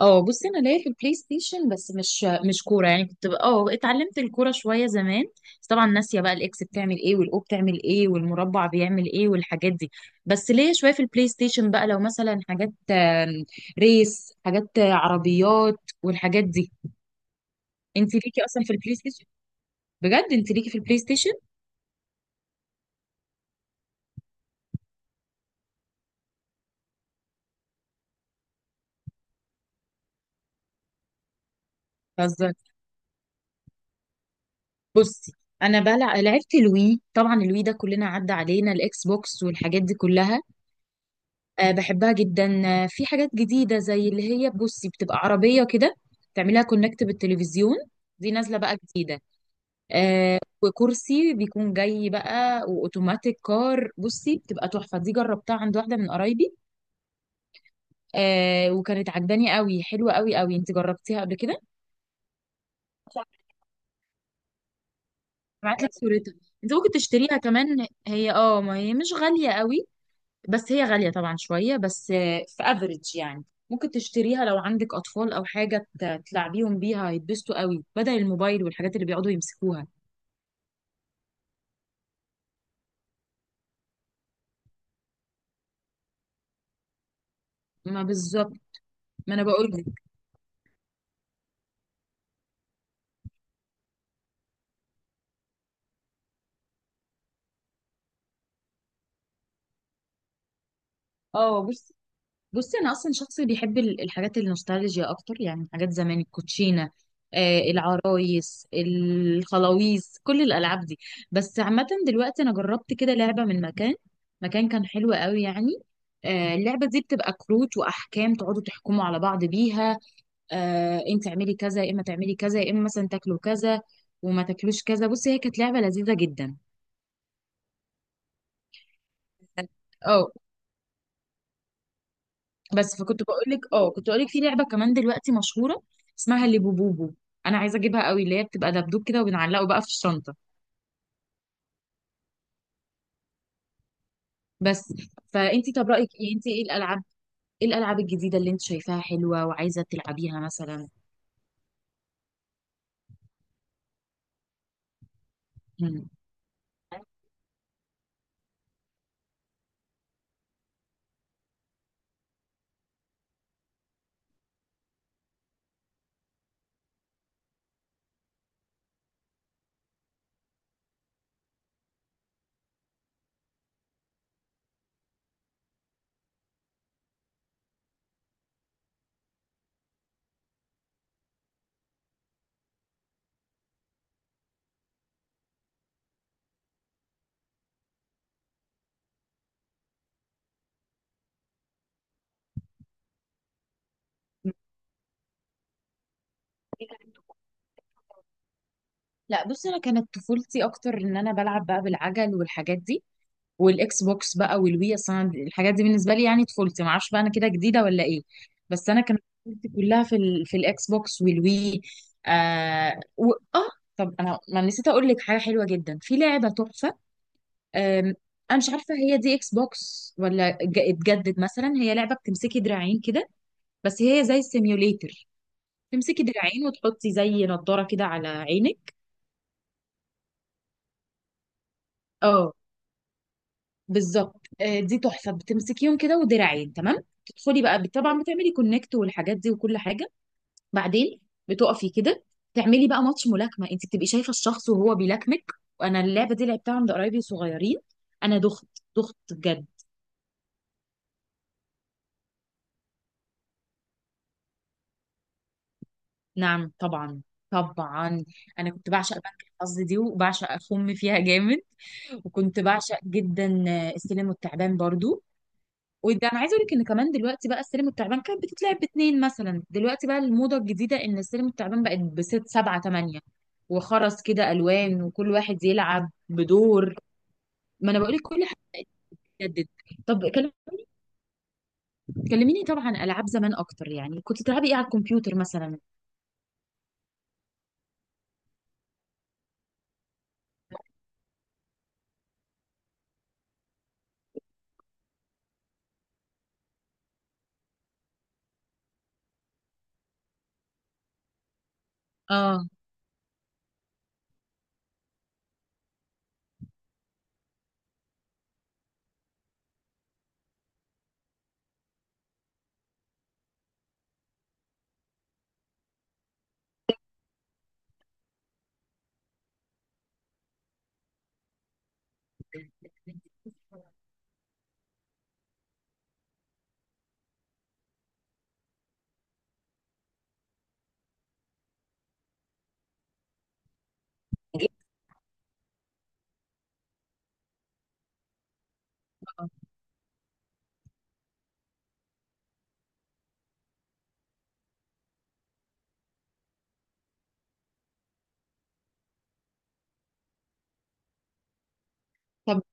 اه، بصي انا ليا في البلاي ستيشن، بس مش كوره. يعني كنت بقى- اه اتعلمت الكوره شويه زمان، بس طبعا ناسيه بقى الاكس بتعمل ايه والاو بتعمل ايه والمربع بيعمل ايه والحاجات دي. بس ليا شويه في البلاي ستيشن بقى، لو مثلا حاجات ريس، حاجات عربيات والحاجات دي. انت ليكي اصلا في البلاي ستيشن؟ بجد انت ليكي في البلاي ستيشن؟ بهزر. بصي، انا لعبت الوي. طبعا الوي ده كلنا عدى علينا، الاكس بوكس والحاجات دي كلها. بحبها جدا. في حاجات جديدة، زي اللي هي بصي بتبقى عربية كده تعملها كونكت بالتلفزيون. دي نازلة بقى جديدة. آه، وكرسي بيكون جاي بقى، وأوتوماتيك كار بصي بتبقى تحفة. دي جربتها عند واحدة من قرايبي. وكانت عجباني قوي، حلوة قوي قوي. انت جربتيها قبل كده؟ بعت لك صورتها. انت ممكن تشتريها كمان، هي ما هي مش غالية قوي. بس هي غالية طبعا شوية، بس في افريج يعني. ممكن تشتريها لو عندك أطفال أو حاجة تلعبيهم بيها، هيتبسطوا قوي بدل الموبايل والحاجات اللي بيقعدوا يمسكوها. ما بالظبط. ما أنا بقول لك. اه، بص. بصي، أنا أصلا شخص بيحب الحاجات النوستالجيا أكتر. يعني حاجات زمان، الكوتشينة، العرايس، الخلاويص، كل الألعاب دي. بس عامة دلوقتي أنا جربت كده لعبة من مكان، مكان كان حلو قوي يعني. اللعبة دي بتبقى كروت وأحكام تقعدوا تحكموا على بعض بيها. انت تعملي كذا يا اما تعملي كذا، يا اما مثلا تاكلوا كذا وما تاكلوش كذا. بصي، هي كانت لعبه لذيذه جدا. اه. بس، فكنت بقول لك، كنت بقول لك في لعبه كمان دلوقتي مشهوره، اسمها اللي بوبوبو. انا عايزه اجيبها قوي، اللي هي بتبقى دبدوب كده وبنعلقه بقى في الشنطه. بس فانت طب رايك ايه؟ انت ايه الالعاب، ايه الالعاب الجديده اللي انت شايفاها حلوه وعايزه تلعبيها مثلا؟ مم. لا، بصي، انا كانت طفولتي اكتر ان انا بلعب بقى بالعجل والحاجات دي، والاكس بوكس بقى والوي. اصلا الحاجات دي بالنسبه لي، يعني طفولتي، ما اعرفش بقى انا كده جديده ولا ايه. بس انا كانت طفولتي كلها في الاكس بوكس والوي. آه و... اه طب انا ما نسيت اقول لك حاجه حلوه جدا، في لعبه تحفه. آم، انا مش عارفه هي دي اكس بوكس ولا اتجدد مثلا. هي لعبه بتمسكي دراعين كده، بس هي زي السيميوليتر. تمسكي دراعين وتحطي زي نضاره كده على عينك. اه، بالظبط. دي تحفه، بتمسكيهم كده، ودراعين، تمام. تدخلي بقى طبعا بتعملي كونكت والحاجات دي وكل حاجه. بعدين بتقفي كده، تعملي بقى ماتش ملاكمه. انت بتبقي شايفه الشخص وهو بيلاكمك. وانا اللعبه دي لعبتها عند قرايبي صغيرين. انا دخت، دخت بجد. نعم طبعا، طبعا. انا كنت بعشق بنك الحظ دي، وبعشق اخم فيها جامد. وكنت بعشق جدا، السلم والتعبان برضو. وده انا عايزه اقول لك ان كمان دلوقتي بقى، السلم التعبان كانت بتتلعب باتنين مثلا، دلوقتي بقى الموضه الجديده ان السلم التعبان بقت بست سبعه تمانيه، وخرز كده الوان، وكل واحد يلعب بدور. ما انا بقول لك كل حاجه جدد. طب كلميني طبعا عن العاب زمان اكتر. يعني كنت تلعبي ايه على الكمبيوتر مثلا؟ اه. طب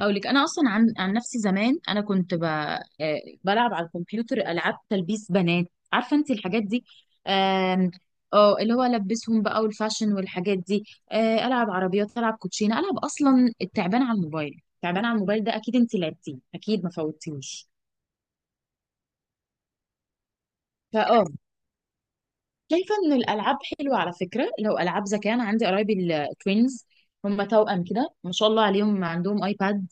اقول لك، انا اصلا عن نفسي زمان، انا كنت بلعب على الكمبيوتر العاب تلبيس بنات، عارفه انت الحاجات دي. آم، اه، اللي هو البسهم بقى والفاشن والحاجات دي. العب عربيات، العب كوتشينه، العب اصلا التعبان على الموبايل. التعبان على الموبايل ده اكيد انت لعبتيه، اكيد ما فوتتيهوش. فاه، شايفة إن الألعاب حلوة على فكرة، لو ألعاب ذكاء. أنا عندي قرايبي التوينز، هم توأم كده ما شاء الله عليهم، عندهم آيباد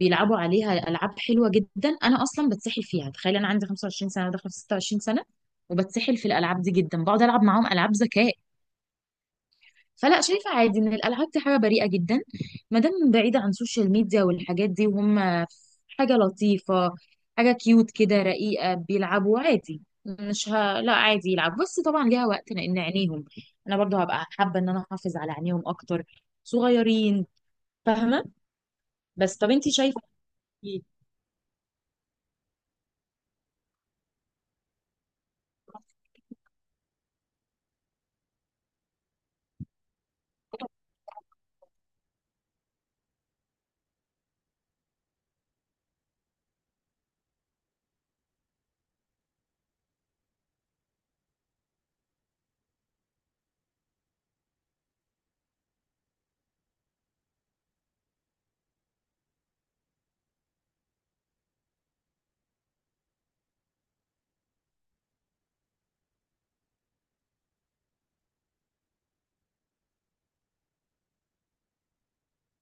بيلعبوا عليها ألعاب حلوة جدا. أنا أصلا بتسحل فيها. تخيل، أنا عندي 25 سنة وداخلة في 26 سنة وبتسحل في الألعاب دي جدا، بقعد ألعب معاهم ألعاب ذكاء. فلا، شايفة عادي ان الالعاب دي حاجة بريئة جدا، ما دام بعيدة عن السوشيال ميديا والحاجات دي. وهم حاجة لطيفة، حاجة كيوت كده رقيقة، بيلعبوا عادي. مش ه... لا، عادي يلعب، بس طبعا ليها وقت لان عينيهم، انا برضو هبقى حابة ان انا احافظ على عينيهم اكتر، صغيرين، فاهمة. بس طب انتي شايفة ايه؟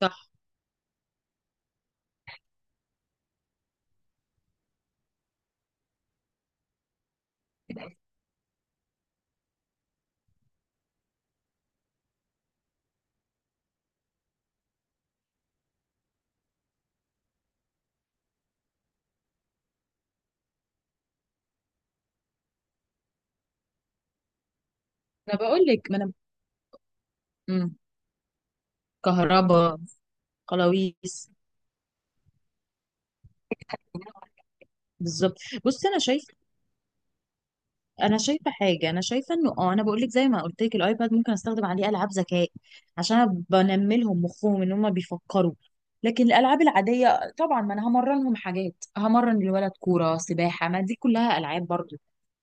صح. انا بقول لك، ما انا، مم. كهربا، قلاويس. بالظبط. بص انا شايفة، انا شايفه حاجه، انا شايفه انه، اه، انا بقول لك زي ما قلت لك، الايباد ممكن استخدم عليه العاب ذكاء، عشان أنا بنمي لهم مخهم ان هم بيفكروا. لكن الالعاب العاديه طبعا، ما انا همرنهم حاجات، همرن الولد كوره، سباحه، ما دي كلها العاب برضو.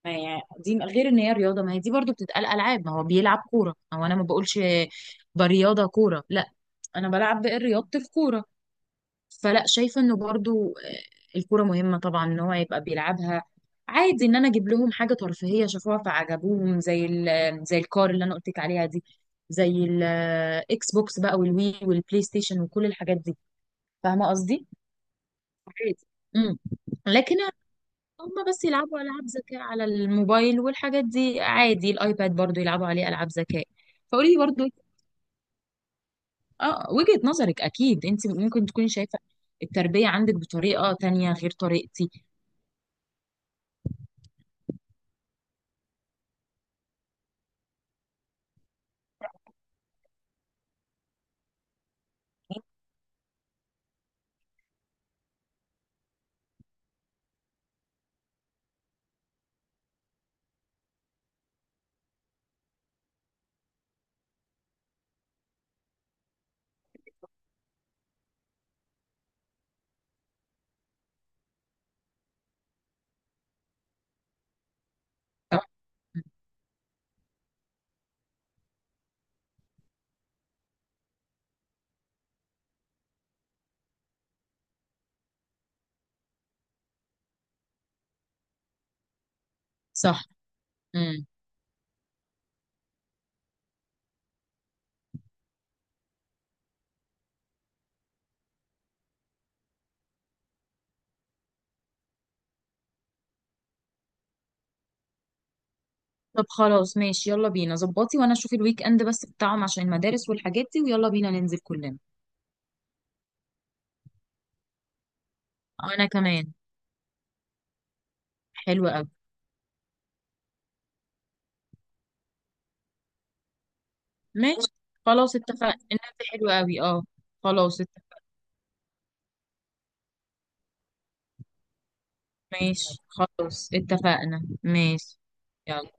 ما يعني دي غير ان هي رياضه، ما هي دي برضو بتتقال العاب. ما هو بيلعب كوره، هو انا ما بقولش برياضه كوره، لا، انا بلعب رياضه الكوره. فلا، شايفه انه برضو، الكوره مهمه طبعا ان هو يبقى بيلعبها. عادي ان انا اجيب لهم حاجه ترفيهيه شافوها فعجبوهم، زي زي الكار اللي انا قلت لك عليها دي، زي الاكس بوكس بقى والوي والبلاي ستيشن وكل الحاجات دي. فاهمه قصدي. عادي. امم. لكن هم بس يلعبوا العاب ذكاء على الموبايل والحاجات دي عادي، الايباد برضو يلعبوا عليه العاب ذكاء. فقولي لي برضو، اه، وجهة نظرك. اكيد انت ممكن تكوني شايفه التربيه عندك بطريقه تانية غير طريقتي. صح. صح. مم. طب خلاص، ماشي، يلا بينا. ظبطي وانا اشوف الويك اند بس بتاعهم عشان المدارس والحاجات دي، ويلا بينا ننزل كلنا. انا كمان. حلو قوي. ماشي. خلاص اتفقنا، النبي حلو قوي. اه. خلاص اتفقنا، ماشي. خلاص اتفقنا، ماشي، يلا.